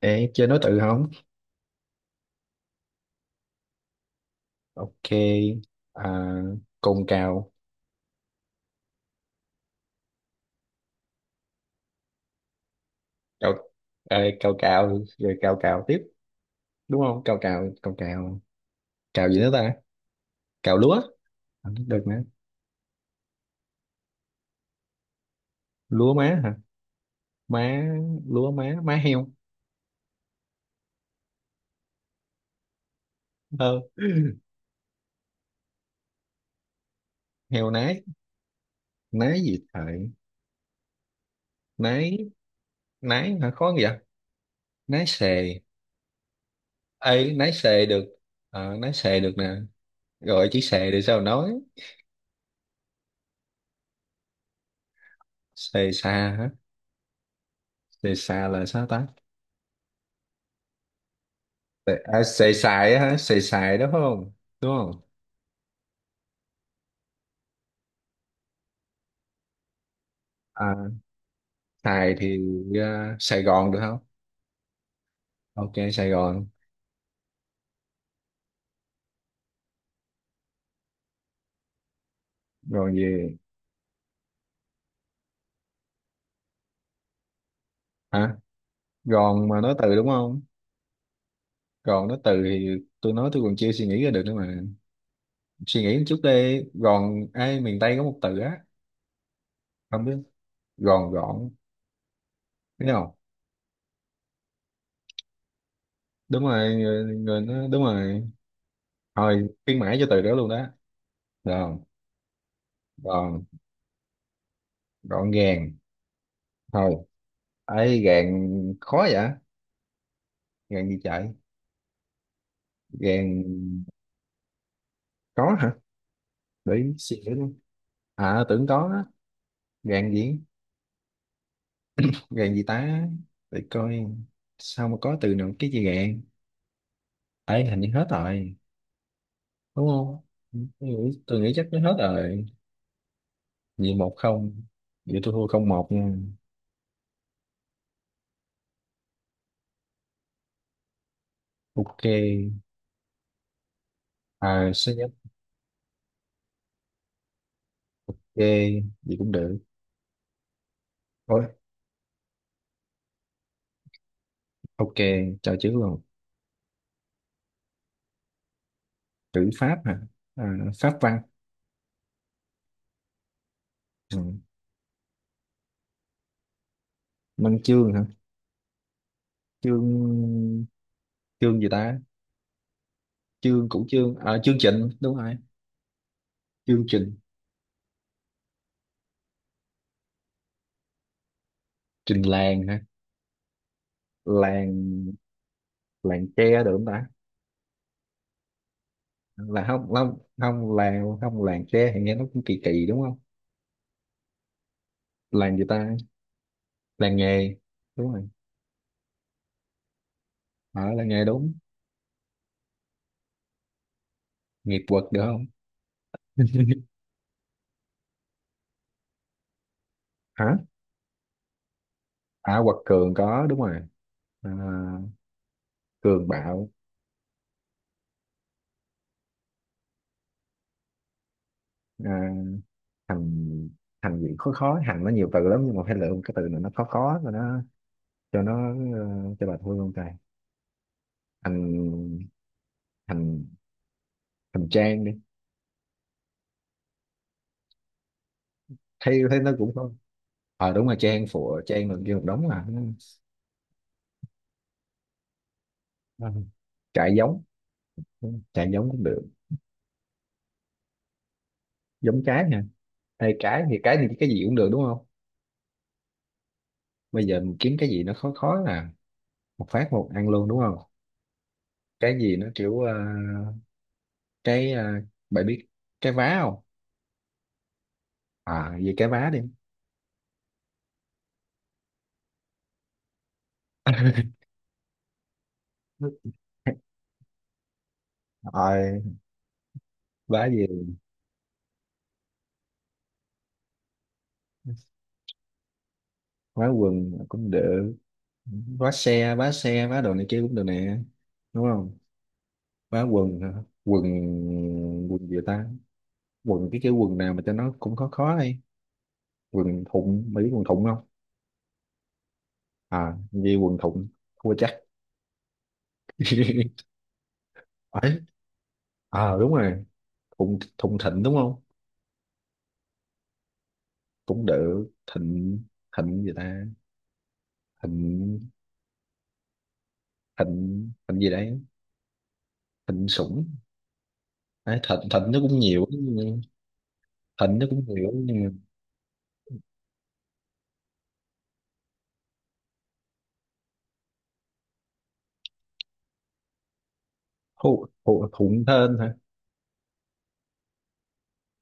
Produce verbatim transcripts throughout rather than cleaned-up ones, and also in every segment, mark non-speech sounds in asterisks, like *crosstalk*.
Ê, chơi nối tự không? Ok, à, cồn cào, cào, ê, cào cào, rồi cào cào tiếp, đúng không? Cào cào, cào cào, cào gì nữa ta? Cào lúa, không được nè. Lúa má hả? Má, lúa má, má heo, ờ, heo nái, nái gì thời? Nái, nái hả? Khó vậy? Nái xề, ê, nái xề được, ờ, nái xề được nè, gọi chữ xề để sao nói? Xề xa hả? Xề xa là sao ta? Tại- à, xài xài á hả? Xài xài đó phải không? Đúng không? À, xài thì à, Sài Gòn được không? Ok, Sài Gòn. Gòn gì? Hả? Gòn mà nói từ đúng không? Gòn nói từ thì tôi nói tôi còn chưa suy nghĩ ra được nữa mà. Suy nghĩ một chút đi. Gòn, ai miền Tây có một từ á. Không biết. Gòn gọn. Thấy không? Đúng rồi. Người, người nó, đúng rồi. Thôi, khuyến mãi cho từ đó luôn đó. Được không? Gòn, gọn gàng. Thôi. Ấy gàng khó vậy? Gàng gì chạy? Gàng có hả? Để suy nghĩ luôn. À tưởng có đó. Gạn gì, gạn gì ta, để coi sao mà có từ nào cái gì gạn. Ấy hình như hết rồi đúng không. Tôi nghĩ, tôi nghĩ chắc nó hết rồi. Vậy một không, vậy tôi thua không một nha. Ok, à số nhất. Ok vậy cũng được. Ôi, ok, cho chữ luôn. Chữ pháp hả? À, pháp văn. Ừ. Văn chương hả? Chương, chương gì ta? Chương cũng chương, à, chương trình đúng rồi. Chương trình, trình làng hả? Làng, làng tre được không ta? Là không không không làng, không làng tre thì nghe nó cũng kỳ kỳ đúng không. Làng gì ta? Làng nghề đúng rồi. Ở làng nghề đúng. Nghiệp quật được không? *laughs* Hả? À quật cường có đúng rồi. À, cường bạo. À, thành, thành gì khó khó? Hành nó nhiều từ lắm nhưng mà phải lựa một cái từ nào nó khó khó rồi nó cho nó, ờ, cho bà Thu luôn trời. Thành thành, thành trang đi. Thấy thấy nó cũng không. Ờ đúng là trang, phụ trang được kia một đống mà. Ừ. Trại giống, trại giống cũng được. Giống trái nha. Ê, trái thì cái thì cái gì cũng được đúng không. Bây giờ mình kiếm cái gì nó khó khó là một phát một ăn luôn đúng không. Cái gì nó kiểu, ờ, cái, ờ, bạn biết cái vá không? À về cái vá đi. *laughs* Rồi vá gì? Vá quần cũng được. Vá xe, vá xe, vá đồ này kia cũng được nè, đúng không. Vá quần hả? Quần, quần gì ta? Quần, cái cái quần nào mà cho nó cũng khó khó đi. Quần thụng mấy, quần thụng không? À như quần thụng, thua chắc. *laughs* Ấy, à đúng rồi, thụng, thụng thịnh đúng không? Cũng được. Thịnh, thịnh gì ta? Thịnh, thịnh thịnh gì đấy? Thịnh sủng. Ấy, thịnh thịnh nó cũng nhiều nhưng thịnh nó cũng nhiều nhưng mà thu, thu, thụng thên hả?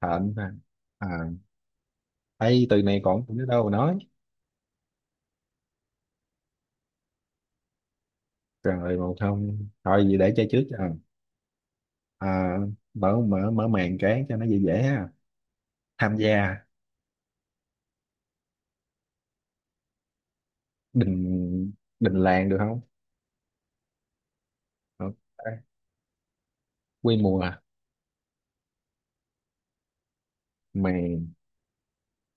Thịnh hả? À, ấy từ này còn không biết đâu mà nói. Rồi một không, thôi gì để chơi trước cho. À, mở mở mở màn cái cho nó dễ dễ ha. Tham gia, đình, đình làng được không? Được. Đấy, quy mô à, màn,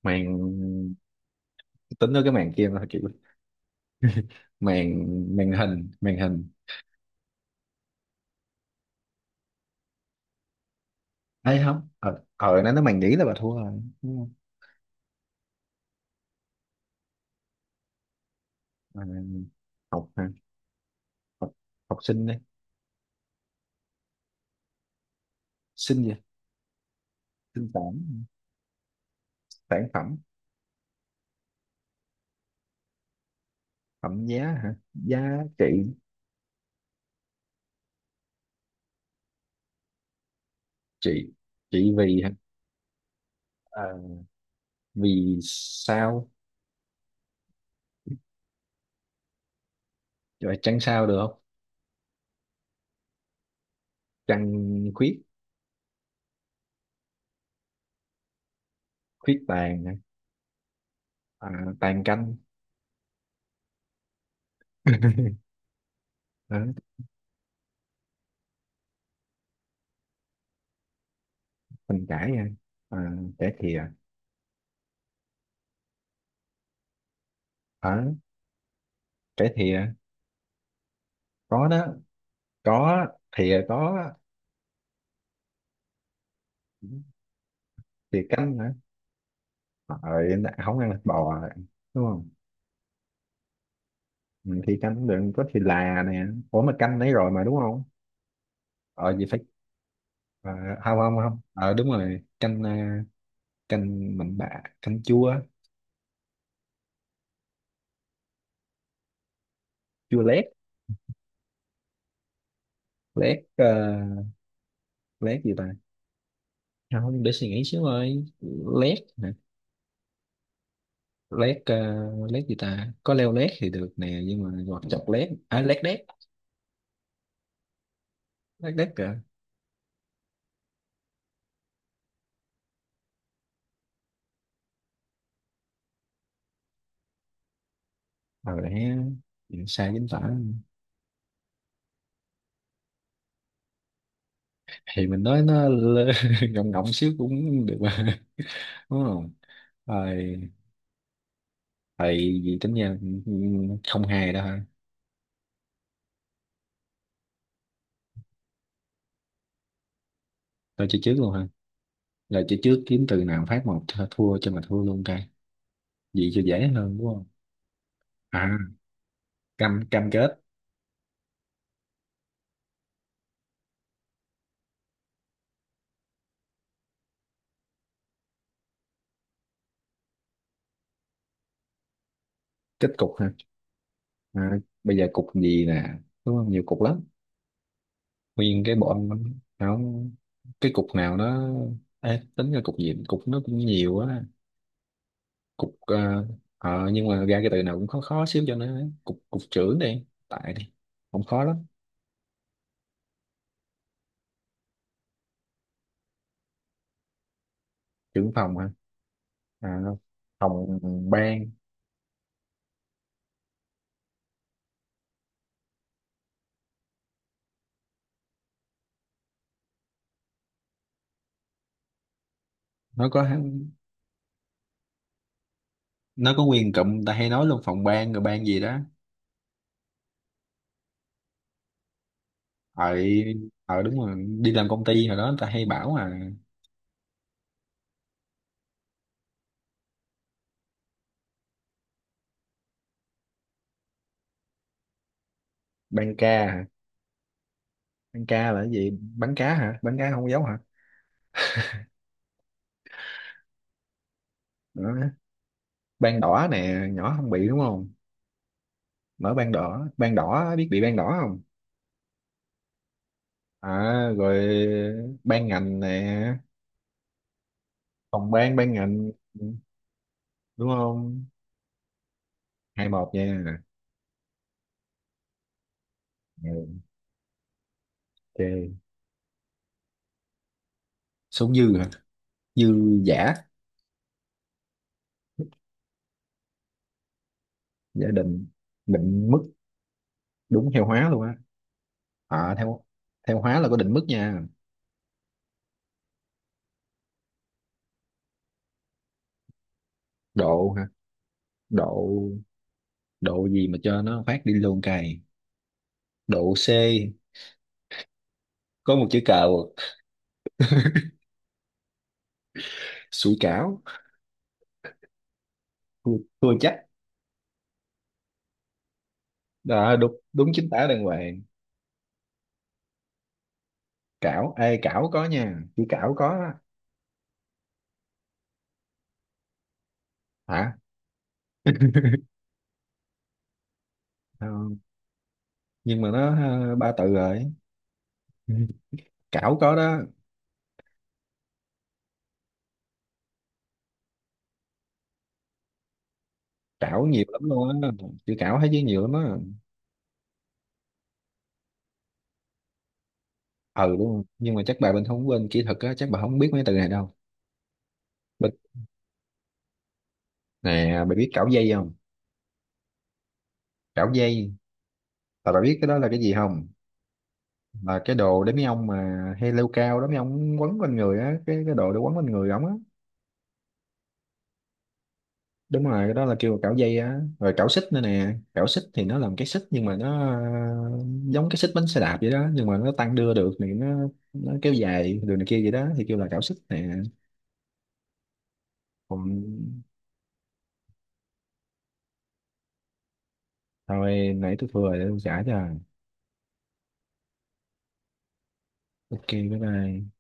màn, tính tới cái màn kia thôi chị. Màn, màn hình, màn hình. Ấy không, ờ ờ nó nó màn nhĩ là bà thua rồi đúng không? À, học hả? Học, học sinh đi. Sinh gì? Sinh sản. Sản phẩm. Phẩm giá hả? Giá trị. Trị, trị vì hả? Ờ, vì sao, rồi trăng sao được không? Trăng khuyết. Khuyết tàn hả? À, tàn canh. *laughs* Mình trải nha. À, trải thìa. Ở, trải thìa có đó, có, thìa có. Thìa canh hả? Rồi không ăn thịt bò rồi, đúng không? Ừ, thìa canh cũng được, có thìa là nè. Ủa mà canh đấy rồi mà đúng không? Ờ gì phải. Ờ, không không không, ờ đúng rồi canh, ờ, canh mặn bạ, canh chua. Chua lét. Lét, ờ, lét gì ta? Không để suy nghĩ xíu ơi. Lét hả? Lét, ờ, lét gì ta? Có leo lét thì được nè, nhưng mà hoặc chọc lét, à lét đét. Lét đét kìa. Rồi đấy, chính sai chính tả. Thì mình nói nó lơ- *laughs* ngọng ngọng xíu cũng được mà *laughs* đúng không. Rồi thầy, gì tính nha, không hề đó hả? Tôi chơi trước luôn hả? Là chơi trước kiếm từ nào phát một, th- thua cho mà thua luôn cái gì cho dễ hơn đúng không. À cam, cam kết. Kết cục hả? À, bây giờ cục gì nè, đúng không, nhiều cục lắm. Nguyên cái bọn nó, cái cục nào nó. Ê, tính ra cục gì cục nó cũng nhiều á. Cục, ờ, ờ, nhưng mà ra cái từ nào cũng khó khó xíu cho nó. Cục, cục trưởng đi tại đi, không khó lắm. Trưởng phòng hả? À, phòng ban. Nó có, nó có quyền cụm ta hay nói luôn phòng ban rồi ban gì đó. Ờ ờ đúng rồi, đi làm công ty hồi đó ta hay bảo. À, ban ca hả? Ban ca là cái gì, bán cá hả, bán cá không dấu hả? Đó. Ban đỏ nè, nhỏ không bị đúng không. Mở ban đỏ, ban đỏ, biết bị ban đỏ không? À, rồi ban ngành nè. Phòng bán bán ngành. Ừ, đúng không. Hai một nha. Ừ, ok. Số dư hả? Dư giả. Giả định. Định mức đúng theo hóa luôn á. À theo, theo hóa là có định mức nha. Độ hả? Độ, độ gì mà cho nó phát đi luôn cày. độ c, có một chữ cào. Sủi cảo. Thua, thua chắc. Đó đúng đúng chính tả đàng hoàng. Cảo, ê cảo có nha, chữ cảo có á. Hả? Ờ, nhưng mà nó, ờ, ba từ rồi. *laughs* Cảo có đó. Cảo nhiều lắm luôn á. Chữ cảo thấy chứ nhiều lắm á. Ừ luôn, nhưng mà chắc bà Bình không quên kỹ thuật á, chắc bà không biết mấy từ này đâu. Bình nè, bà biết cảo dây không? Cảo dây là bà biết cái đó là cái gì không? Là cái đồ để mấy ông mà hay leo cao đó, mấy ông quấn quanh người á, cái cái đồ để quấn quanh người ổng á. Đúng rồi, cái đó là kêu là cảo dây á, rồi cảo xích nữa nè, cảo xích thì nó làm cái xích nhưng mà nó, ờ, giống cái xích bánh xe đạp vậy đó, nhưng mà nó tăng đưa được thì nó nó kéo dài đường này kia vậy đó thì kêu là cảo xích nè. Còn thôi nãy tôi vừa để tôi trả cho. Ok bye bye.